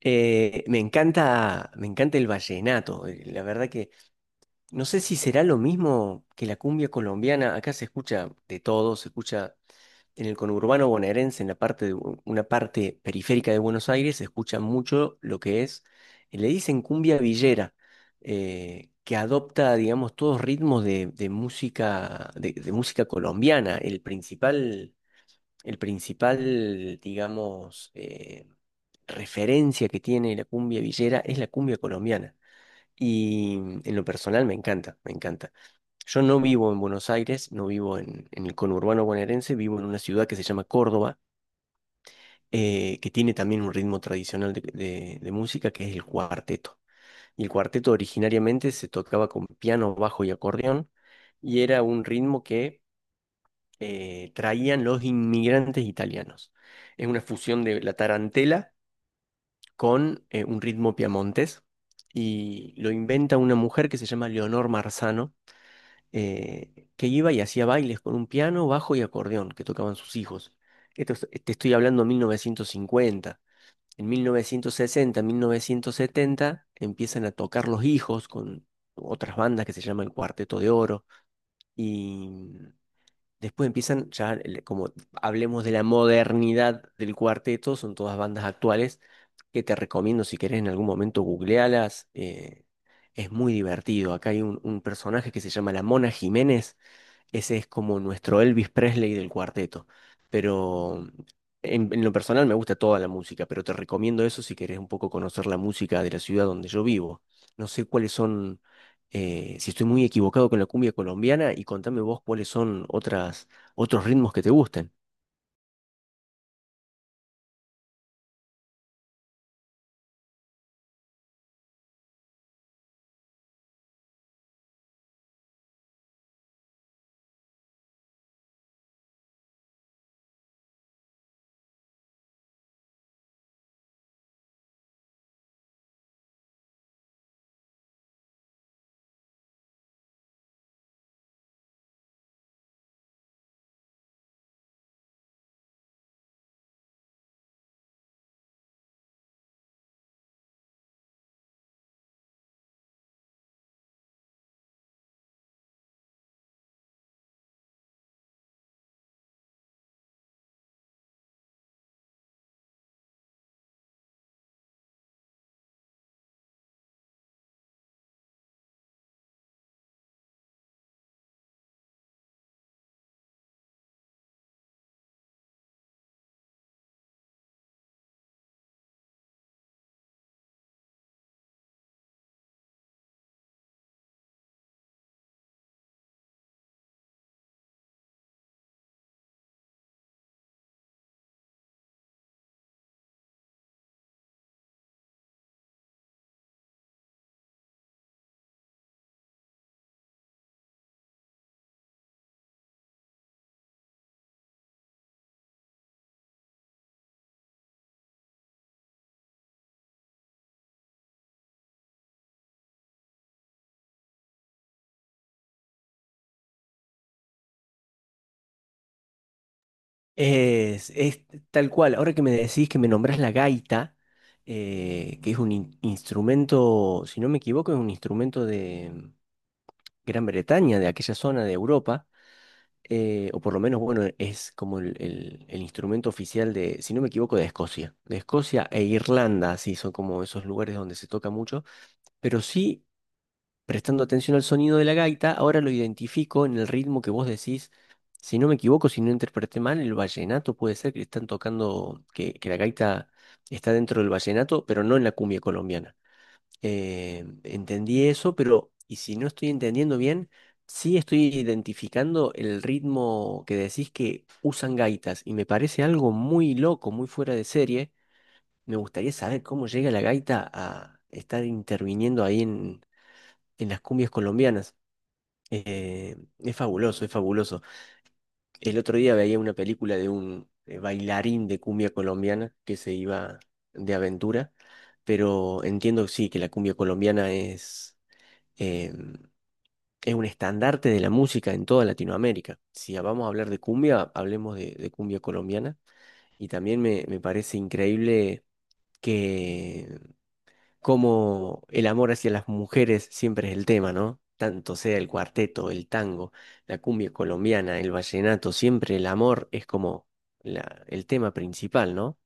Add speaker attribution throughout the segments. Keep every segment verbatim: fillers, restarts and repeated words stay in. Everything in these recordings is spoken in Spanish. Speaker 1: Eh, me encanta, me encanta el vallenato. eh, La verdad que no sé si será lo mismo que la cumbia colombiana. Acá se escucha de todo, se escucha en el conurbano bonaerense, en la parte de u- una parte periférica de Buenos Aires, se escucha mucho lo que es, eh, le dicen cumbia villera, eh, que adopta, digamos, todos ritmos de, de música, de, de música colombiana. El principal, el principal, digamos, eh, referencia que tiene la cumbia villera es la cumbia colombiana. Y mm, en lo personal me encanta, me encanta. Yo no vivo en Buenos Aires, no vivo en, en el conurbano bonaerense, vivo en una ciudad que se llama Córdoba, eh, que tiene también un ritmo tradicional de, de- de música que es el cuarteto. Y el cuarteto originariamente se tocaba con piano, bajo y acordeón, y era un ritmo que eh, traían los inmigrantes italianos. Es una fusión de la tarantela con eh, un ritmo piamontés y lo inventa una mujer que se llama Leonor Marzano, eh, que iba y hacía bailes con un piano, bajo y acordeón que tocaban sus hijos. Esto es- te estoy hablando de mil novecientos cincuenta. En mil novecientos sesenta, mil novecientos setenta empiezan a tocar los hijos con otras bandas que se llama el Cuarteto de Oro y después empiezan, ya el- como hablemos de la modernidad del cuarteto, son todas bandas actuales que te recomiendo si querés en algún momento googlealas. Eh, es muy divertido. Acá hay un, un personaje que se llama La Mona Jiménez. Ese es como nuestro Elvis Presley del cuarteto. Pero en, en lo personal me gusta toda la música, pero te recomiendo eso si querés un poco conocer la música de la ciudad donde yo vivo. No sé cuáles son, eh, si estoy muy equivocado con la cumbia colombiana, y contame vos cuáles son otras, otros ritmos que te gusten. Es, es tal cual. Ahora que me decís que me nombrás la gaita, eh, que es un in- instrumento, si no me equivoco, es un instrumento de Gran Bretaña, de aquella zona de Europa. Eh, o por lo menos, bueno, es como el, el- el instrumento oficial de, si no me equivoco, de Escocia. De Escocia e Irlanda, sí, son como esos lugares donde se toca mucho, pero sí, prestando atención al sonido de la gaita, ahora lo identifico en el ritmo que vos decís. Si no me equivoco, si no interpreté mal, el vallenato puede ser que están tocando, que, que la gaita está dentro del vallenato, pero no en la cumbia colombiana. Eh, entendí eso, pero y si no estoy entendiendo bien, sí estoy identificando el ritmo que decís que usan gaitas y me parece algo muy loco, muy fuera de serie. Me gustaría saber cómo llega la gaita a estar interviniendo ahí en, en las cumbias colombianas. Eh, es fabuloso, es fabuloso. El otro día veía una película de un eh, bailarín de cumbia colombiana que se iba de aventura, pero entiendo sí que la cumbia colombiana es eh, es un estandarte de la música en toda Latinoamérica. Si vamos a hablar de cumbia, hablemos de, de cumbia colombiana. Y también me, me parece increíble que como el amor hacia las mujeres siempre es el tema, ¿no? Tanto sea el cuarteto, el tango, la cumbia colombiana, el vallenato, siempre el amor es como la- el tema principal, ¿no?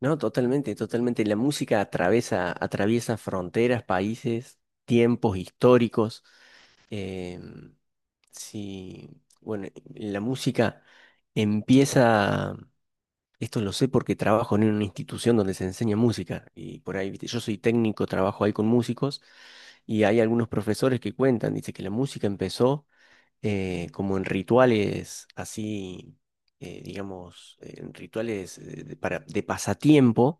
Speaker 1: No, totalmente, totalmente. La música atraviesa, atraviesa fronteras, países, tiempos históricos. Eh, sí, bueno, la música empieza, esto lo sé porque trabajo en una institución donde se enseña música y por ahí, viste, yo soy técnico, trabajo ahí con músicos y hay algunos profesores que cuentan, dice que la música empezó eh, como en rituales así, eh, digamos, en rituales eh, de, para, de pasatiempo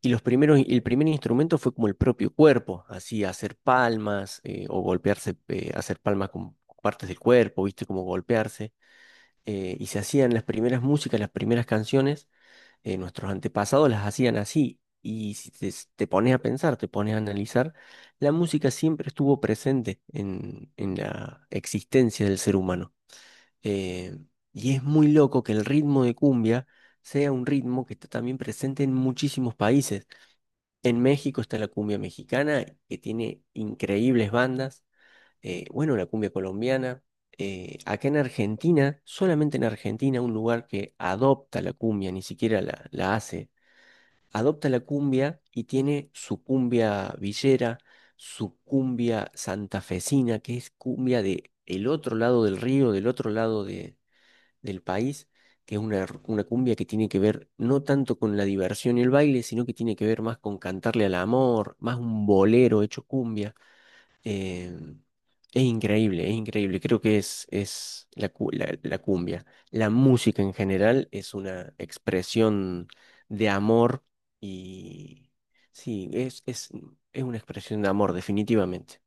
Speaker 1: y los primeros, el primer instrumento fue como el propio cuerpo, así hacer palmas eh, o golpearse, eh, hacer palmas con partes del cuerpo, ¿viste? Como golpearse. Eh, y se hacían las primeras músicas, las primeras canciones, eh, nuestros antepasados las hacían así. Y si te, te pones a pensar, te pones a analizar, la música siempre estuvo presente en, en la existencia del ser humano. Eh, y es muy loco que el ritmo de cumbia sea un ritmo que está también presente en muchísimos países. En México está la cumbia mexicana, que tiene increíbles bandas. Eh, bueno, la cumbia colombiana. Eh, acá en Argentina, solamente en Argentina, un lugar que adopta la cumbia, ni siquiera la, la hace. Adopta la cumbia y tiene su cumbia villera, su cumbia santafesina, que es cumbia de el otro lado del río, del otro lado de, del país, que es una, r- una cumbia que tiene que ver no tanto con la diversión y el baile, sino que tiene que ver más con cantarle al amor, más un bolero hecho cumbia. Eh, es increíble, es increíble. Creo que es, es la, cu- la, la cumbia. La música en general es una expresión de amor y sí, es, es, es una expresión de amor, definitivamente.